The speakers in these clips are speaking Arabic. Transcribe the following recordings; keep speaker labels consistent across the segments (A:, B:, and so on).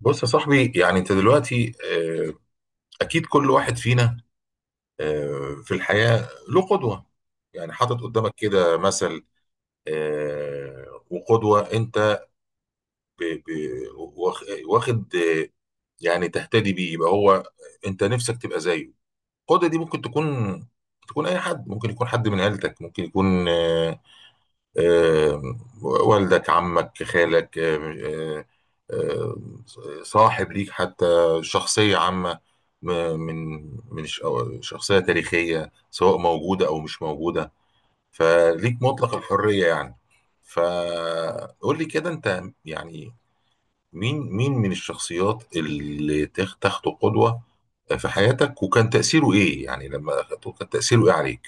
A: بص يا صاحبي، يعني انت دلوقتي اكيد كل واحد فينا في الحياة له قدوة، يعني حاطط قدامك كده مثل. وقدوة انت واخد، يعني تهتدي بيه، يبقى هو انت نفسك تبقى زيه. القدوة دي ممكن تكون اي حد، ممكن يكون حد من عيلتك، ممكن يكون آه، والدك، عمك، خالك، آه، آه، صاحب ليك حتى، شخصية عامة، م- من من أو شخصية تاريخية، سواء موجودة أو مش موجودة، فليك مطلق الحرية يعني. فقول لي كده، أنت يعني مين من الشخصيات اللي تاخده قدوة في حياتك، وكان تأثيره إيه؟ يعني لما أخدته كان تأثيره إيه عليك؟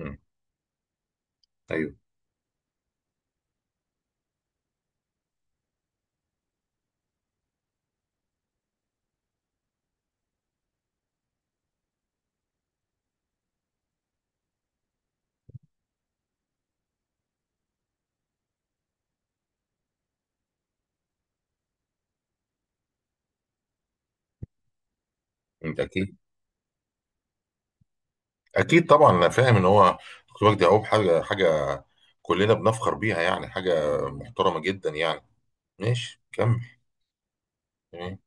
A: مم. أيوه. أنت أكيد. اكيد طبعا انا فاهم ان هو دكتور وجدي يعقوب حاجه حاجه كلنا بنفخر بيها، يعني حاجه محترمه جدا يعني. ماشي كمل. تمام.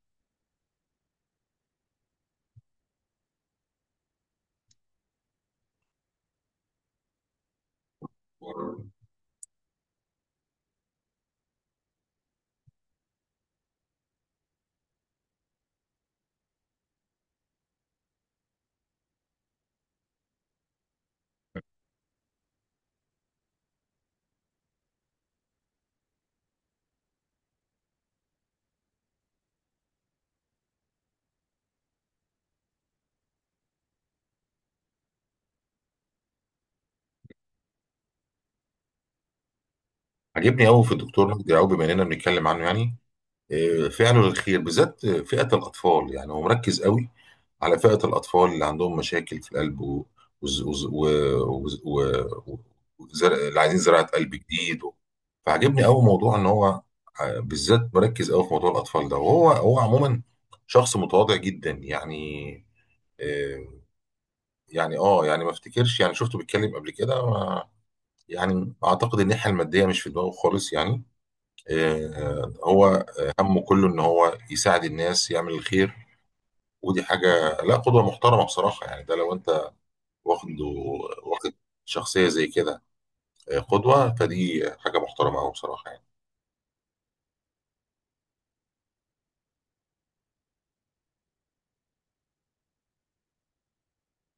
A: عجبني قوي في الدكتور وجدي يعقوب، بما اننا بنتكلم عنه، يعني فعله للخير بالذات فئة الأطفال. يعني هو مركز قوي على فئة الأطفال اللي عندهم مشاكل في القلب و... وز- وز- و... وز- و... و... وزر... اللي عايزين زراعة قلب جديد فعجبني قوي موضوع إن هو بالذات مركز قوي في موضوع الأطفال ده، وهو عموما شخص متواضع جدا يعني. آه، يعني اه، يعني ما افتكرش، يعني شفته بيتكلم قبل كده، ما يعني اعتقد ان الناحيه الماديه مش في دماغه خالص يعني. هو همه كله ان هو يساعد الناس، يعمل الخير، ودي حاجه لا، قدوه محترمه بصراحه يعني. ده لو انت واخد واخد شخصيه زي كده قدوه، فدي حاجه محترمه قوي بصراحه يعني.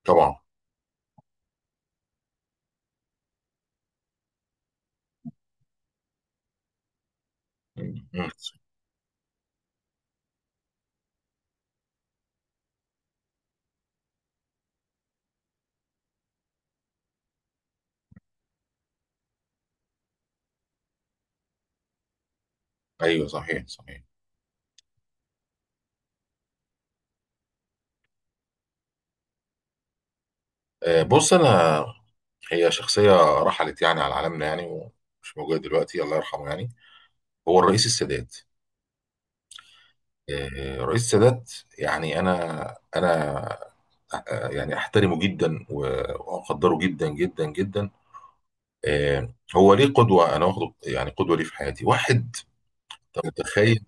A: طبعا. مم. مم. ايوه، صحيح صحيح. بص، هي شخصيه رحلت يعني على عالمنا، يعني ومش موجوده دلوقتي، الله يرحمه يعني. هو الرئيس السادات. رئيس سادات. يعني انا يعني احترمه جدا واقدره جدا جدا جدا. هو ليه قدوه انا واخده، يعني قدوه ليه في حياتي؟ واحد، انت متخيل؟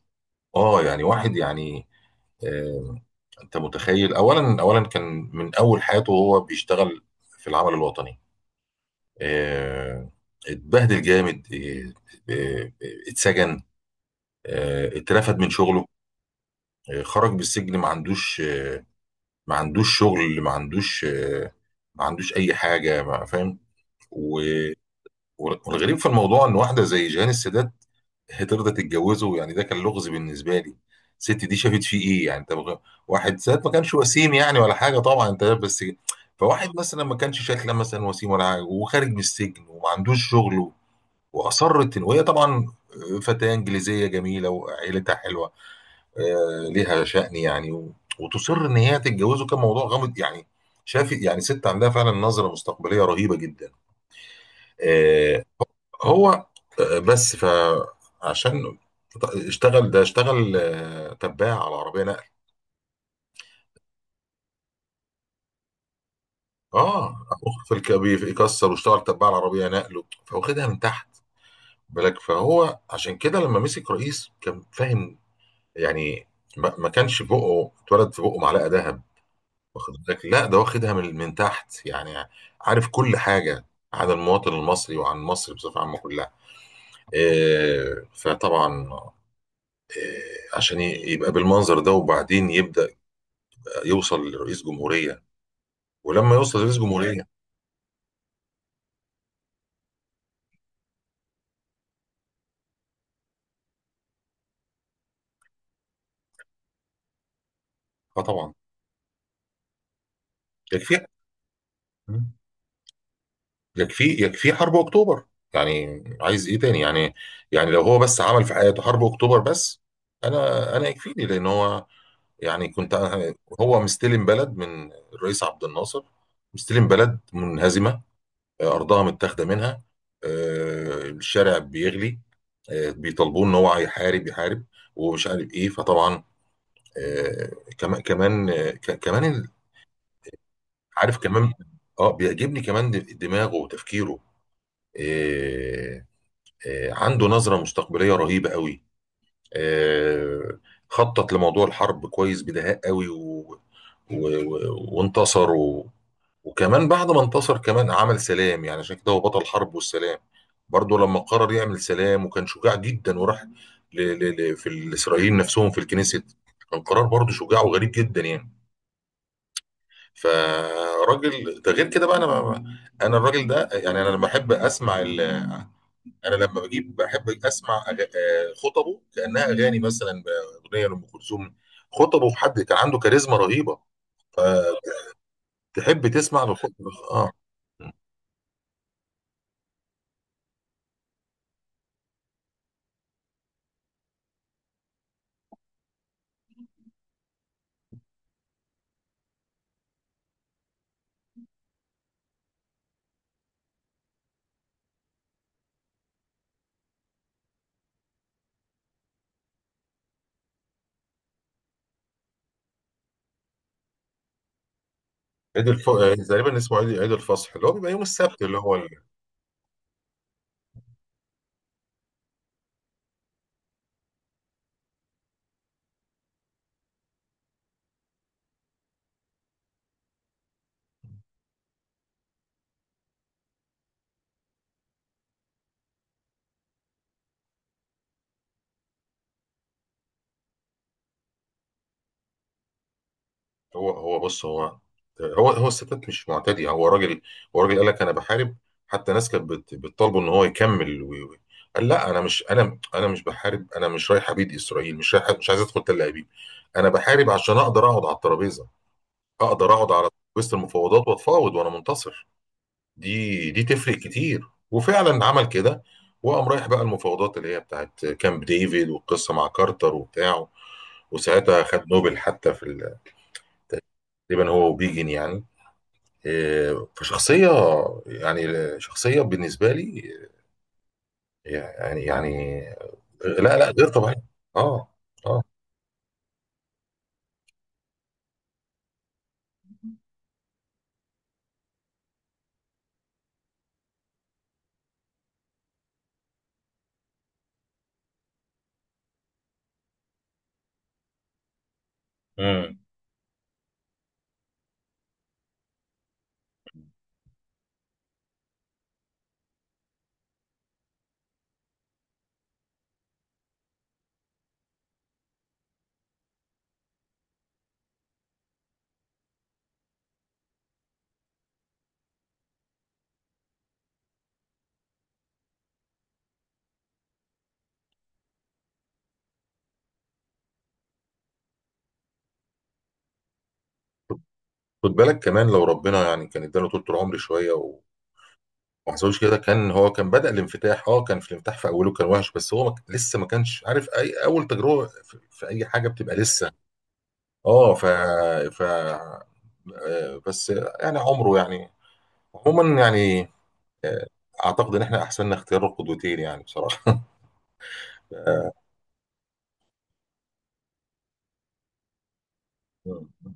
A: اه يعني واحد يعني آه، انت متخيل؟ اولا كان من اول حياته وهو بيشتغل في العمل الوطني. آه، اتبهدل جامد، آه، اتسجن، اترفد من شغله، خرج بالسجن ما عندوش ما عندوش شغل، ما عندوش ما عندوش اي حاجه، ما فاهم و- والغريب في الموضوع ان واحده زي جيهان السادات هترضى تتجوزه. يعني ده كان لغز بالنسبه لي، الست دي شافت فيه ايه يعني؟ انت واحد سادات ما كانش وسيم، يعني ولا حاجه، طبعا انت بس. فواحد مثلا ما كانش شكله مثلا وسيم ولا حاجه، وخارج من السجن، وما عندوش شغل، واصرت ان، وهي طبعا فتاه انجليزيه جميله، وعيلتها حلوه، ليها شأن يعني وتصر ان هي تتجوزه. كان موضوع غامض يعني، شاف يعني ست عندها فعلا نظرة مستقبلية رهيبة جدا. آه، هو بس. فعشان اشتغل، ده اشتغل تباع على عربية نقل. اه، اخوه في الكبير يكسر، واشتغل تباع على عربية نقل، فواخدها من تحت بالك. فهو عشان كده لما مسك رئيس كان فاهم يعني، ما كانش في بقه اتولد، في بقه معلقة ذهب، واخد بالك؟ لا، ده واخدها من تحت يعني، عارف كل حاجه عن المواطن المصري، وعن مصر بصفه عامه كلها. إيه، فطبعا عشان يبقى بالمنظر ده، وبعدين يبدا يوصل لرئيس جمهوريه. ولما يوصل لرئيس جمهوريه، اه طبعا. يكفي يكفي حرب اكتوبر، يعني عايز ايه تاني يعني؟ يعني لو هو بس عمل في حياته حرب اكتوبر بس، انا يكفيني، لان هو يعني. كنت أنا- هو مستلم بلد من الرئيس عبد الناصر، مستلم بلد منهزمه، ارضها متاخده منها. الشارع بيغلي، بيطالبوه ان هو يحارب يحارب، ومش عارف ايه. فطبعا آه، كمان عارف كمان. اه، بيعجبني كمان دماغه وتفكيره. آه، عنده نظرة مستقبلية رهيبة قوي. آه، خطط لموضوع الحرب كويس بدهاء قوي وانتصر وكمان بعد ما انتصر كمان عمل سلام، يعني عشان كده هو بطل حرب والسلام. برضه لما قرر يعمل سلام، وكان شجاع جدا، وراح في الإسرائيليين نفسهم في الكنيسة. كان قرار برضه شجاع وغريب جدا يعني. فراجل ده غير كده بقى. انا الراجل ده، يعني انا لما احب اسمع انا لما بجيب بحب اسمع أغ... آه، خطبه كانها اغاني مثلا، اغنيه لام كلثوم. خطبه في حد كان عنده كاريزما رهيبه، فتحب تسمع له خطبه. اه، عيد الف... آه، تقريبا اسمه عيد الفصح، اللي هو بيبقى يوم السبت، اللي هو هو هو بص هو هو هو الستات مش معتدي، هو راجل. هو راجل قال لك انا بحارب. حتى ناس كانت بتطالبه ان هو يكمل قال لا، انا مش، انا مش بحارب، انا مش رايح ابيد اسرائيل، مش رايح، مش عايز ادخل تل ابيب. انا بحارب عشان اقدر اقعد على الترابيزه، اقدر اقعد على وسط المفاوضات، واتفاوض وانا منتصر. دي تفرق كتير. وفعلا عمل كده، وقام رايح بقى المفاوضات اللي هي بتاعت كامب ديفيد، والقصه مع كارتر وبتاعه، وساعتها خد نوبل حتى في تقريبا هو وبيجن يعني. إيه، فشخصيه يعني، شخصيه بالنسبه لي يعني يعني لا لا غير طبيعيه. اه، اه. مم. خد بالك كمان لو ربنا يعني كان اداله طول العمر شويه، محظوظ كده كان. هو كان بدأ الانفتاح، اه كان في الانفتاح في اوله كان وحش، بس هو ما لسه ما كانش عارف اي اول تجربة في اي حاجة بتبقى لسه. اه، ف ف بس يعني عمره يعني، عموما يعني. آه، اعتقد ان احنا احسننا اختيار القدوتين يعني بصراحة. مم.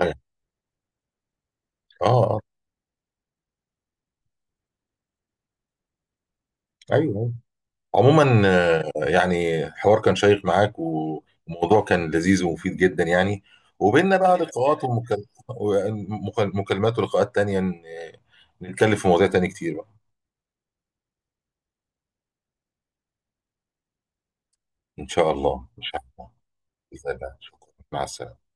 A: اه، اه. آه، ايوه. آه. عموما يعني حوار كان شيق معاك، وموضوع كان لذيذ ومفيد جدا يعني. وبيننا بقى لقاءات ومكالمات ولقاءات تانية، نتكلم في مواضيع تانية كتير بقى. إن شاء الله إن شاء الله. بإذن الله. شكرا، مع السلامة.